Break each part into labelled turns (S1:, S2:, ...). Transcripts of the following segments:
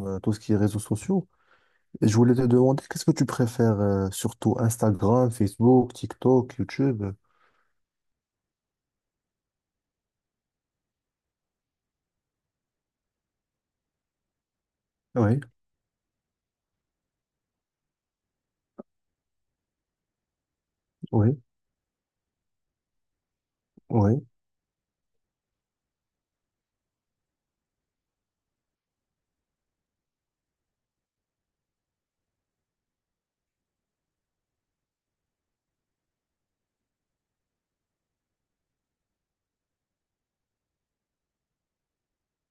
S1: Tout ce qui est réseaux sociaux. Et je voulais te demander, qu'est-ce que tu préfères surtout Instagram, Facebook, TikTok, YouTube? Oui, oui, oui,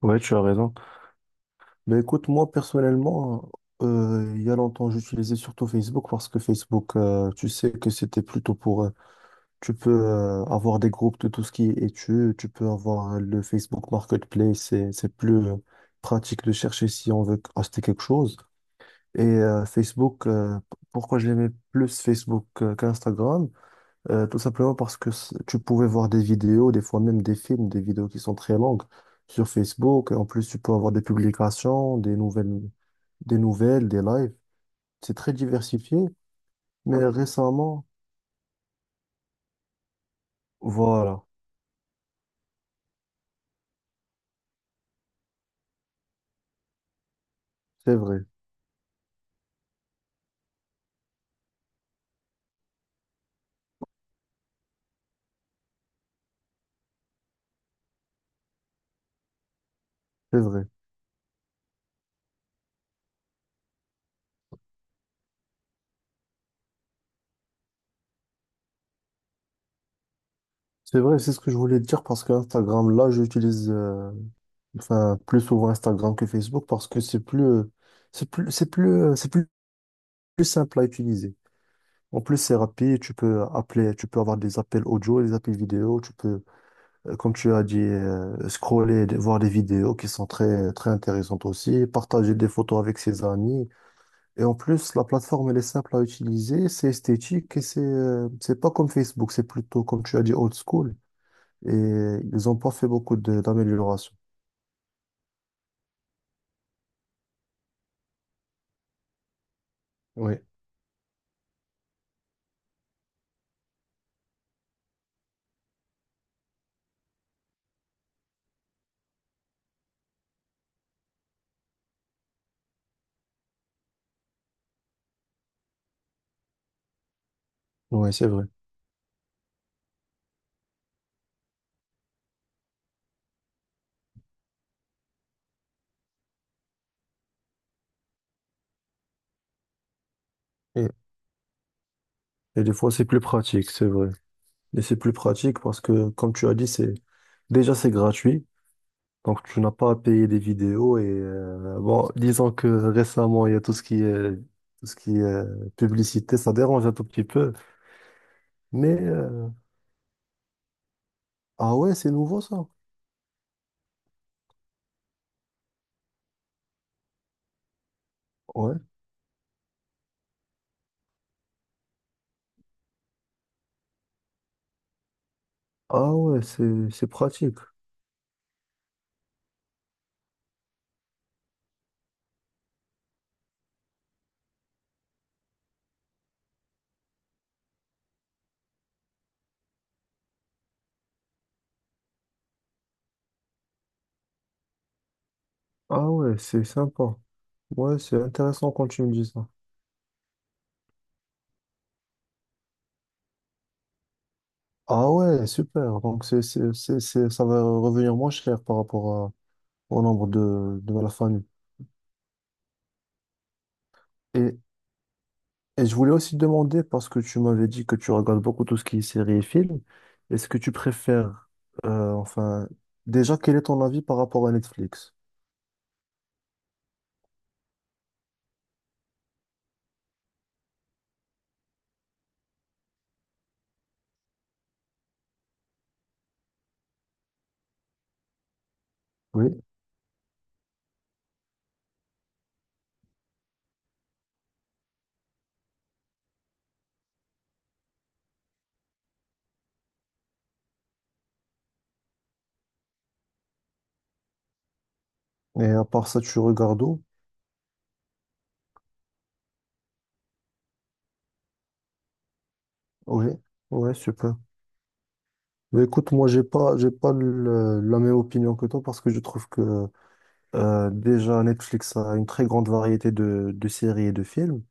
S1: oui, tu as raison. Mais écoute, moi personnellement, il y a longtemps, j'utilisais surtout Facebook parce que Facebook, tu sais que c'était plutôt pour. Tu peux avoir des groupes de tout ce qui est études, tu peux avoir le Facebook Marketplace, c'est plus pratique de chercher si on veut acheter quelque chose. Et Facebook, pourquoi j'aimais plus Facebook qu'Instagram? Tout simplement parce que tu pouvais voir des vidéos, des fois même des films, des vidéos qui sont très longues sur Facebook. Et en plus, tu peux avoir des publications, des nouvelles, des nouvelles, des lives. C'est très diversifié. Mais récemment, voilà, c'est vrai, c'est vrai. C'est vrai, c'est ce que je voulais te dire parce que Instagram, là, j'utilise enfin plus souvent Instagram que Facebook parce que c'est plus, c'est plus, c'est plus, euh, c'est plus plus simple à utiliser. En plus, c'est rapide, tu peux appeler, tu peux avoir des appels audio, des appels vidéo, tu peux, comme tu as dit, voir des vidéos qui sont très, très intéressantes aussi, partager des photos avec ses amis. Et en plus, la plateforme, elle est simple à utiliser, c'est esthétique et c'est pas comme Facebook, c'est plutôt, comme tu as dit, old school. Et ils ont pas fait beaucoup d'améliorations. Oui, oui, c'est vrai. Et, et des fois, c'est plus pratique, c'est vrai. Et c'est plus pratique parce que, comme tu as dit, c'est, déjà, c'est gratuit. Donc, tu n'as pas à payer des vidéos et bon, disons que récemment, il y a tout ce qui est publicité, ça dérange un tout petit peu. Mais euh, ah ouais, c'est nouveau ça. Ouais. Ah ouais, c'est pratique. Ah ouais, c'est sympa. Ouais, c'est intéressant quand tu me dis ça. Ah ouais, super. Donc, ça va revenir moins cher par rapport au nombre de la famille. et Et je voulais aussi te demander, parce que tu m'avais dit que tu regardes beaucoup tout ce qui est séries et films, est-ce que tu préfères, euh, enfin, déjà, quel est ton avis par rapport à Netflix? Oui. Et à part ça, tu regardes où? Oui. Ouais, super. Mais écoute, moi, j'ai pas la même opinion que toi parce que je trouve que, déjà, Netflix a une très grande variété de séries et de films.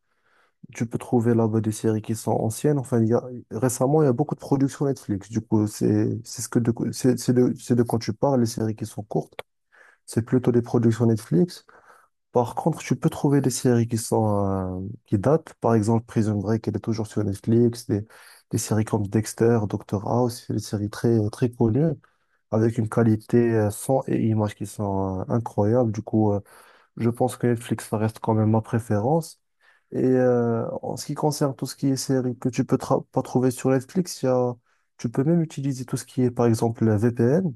S1: Tu peux trouver là-bas des séries qui sont anciennes. Récemment, il y a beaucoup de productions Netflix. Du coup, c'est ce que de, c'est de quand tu parles, les séries qui sont courtes, c'est plutôt des productions Netflix. Par contre, tu peux trouver des séries qui sont, qui datent. Par exemple, Prison Break, elle est toujours sur Netflix. Des séries comme Dexter, Doctor House, c'est des séries très, très connues, avec une qualité son et image qui sont incroyables. Du coup, je pense que Netflix, ça reste quand même ma préférence. Et en ce qui concerne tout ce qui est série que tu peux pas trouver sur Netflix, il y tu peux même utiliser tout ce qui est, par exemple, la VPN.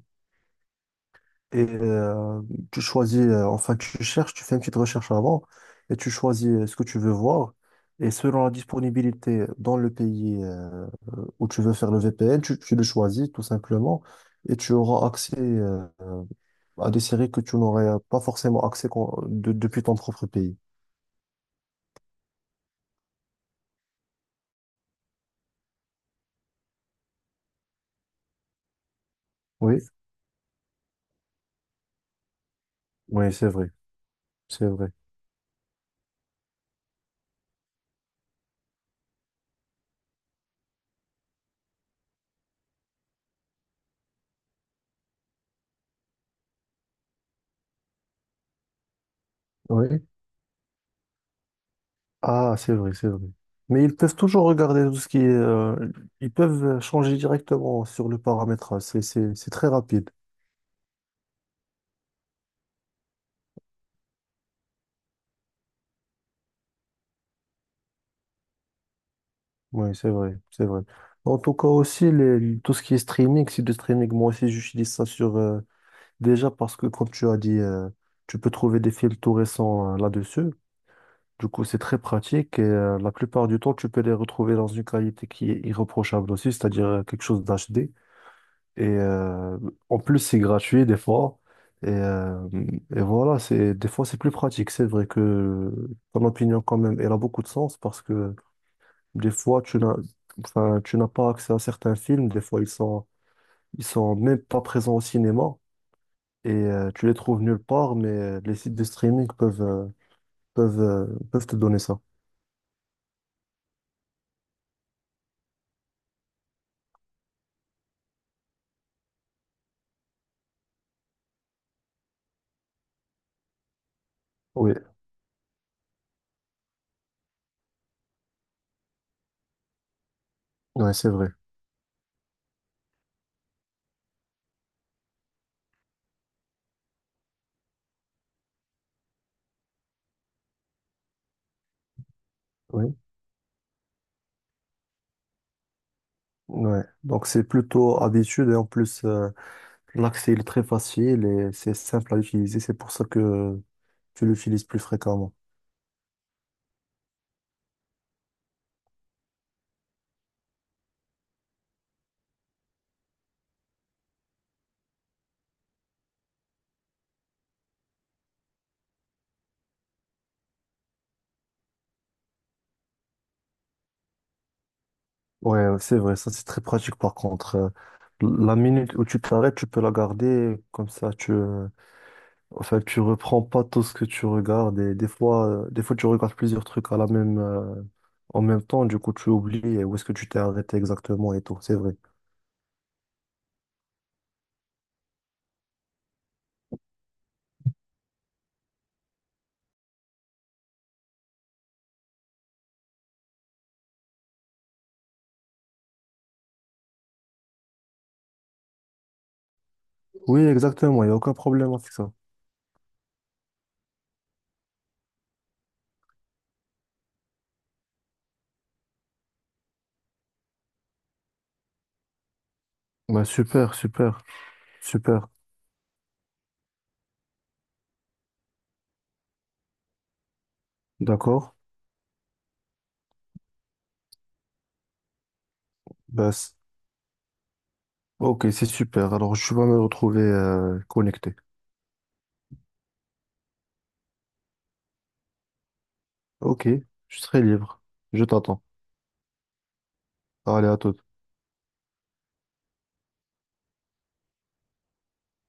S1: Et tu choisis, tu cherches, tu fais une petite recherche avant et tu choisis ce que tu veux voir. Et selon la disponibilité dans le pays où tu veux faire le VPN, tu le choisis tout simplement et tu auras accès à des séries que tu n'aurais pas forcément accès depuis ton propre pays. Oui, oui, c'est vrai, c'est vrai. Oui. Ah, c'est vrai, c'est vrai. Mais ils peuvent toujours regarder tout ce qui est. Ils peuvent changer directement sur le paramétrage. C'est très rapide. Oui, c'est vrai, c'est vrai. En tout cas aussi, tout ce qui est streaming, c'est du streaming. Moi aussi, j'utilise ça sur. Déjà parce que, comme tu as dit, tu peux trouver des films tout récents là-dessus. Du coup, c'est très pratique et la plupart du temps, tu peux les retrouver dans une qualité qui est irréprochable aussi, c'est-à-dire quelque chose d'HD. Et en plus, c'est gratuit des fois. Et, euh, et voilà, c'est, des fois, c'est plus pratique. C'est vrai que ton opinion, quand même, elle a beaucoup de sens parce que des fois, tu n'as pas accès à certains films. Des fois, ils sont, Ils sont même pas présents au cinéma et tu les trouves nulle part, mais les sites de streaming peuvent te donner ça. Oui, ouais, c'est vrai. Oui, ouais. Donc c'est plutôt habitude et en plus l'accès il est très facile et c'est simple à utiliser. C'est pour ça que tu l'utilises plus fréquemment. Ouais, ouais, c'est vrai. Ça c'est très pratique par contre. La minute où tu t'arrêtes, tu peux la garder comme ça. Tu reprends pas tout ce que tu regardes et des fois tu regardes plusieurs trucs à la en même temps. Du coup, tu oublies où est-ce que tu t'es arrêté exactement et tout. C'est vrai. Oui, exactement, il n'y a aucun problème avec ça. Bah, super, super, super. D'accord. Bah, c- ok, c'est super. Alors, je vais me retrouver connecté. Ok, je serai libre. Je t'attends. Allez, à toute.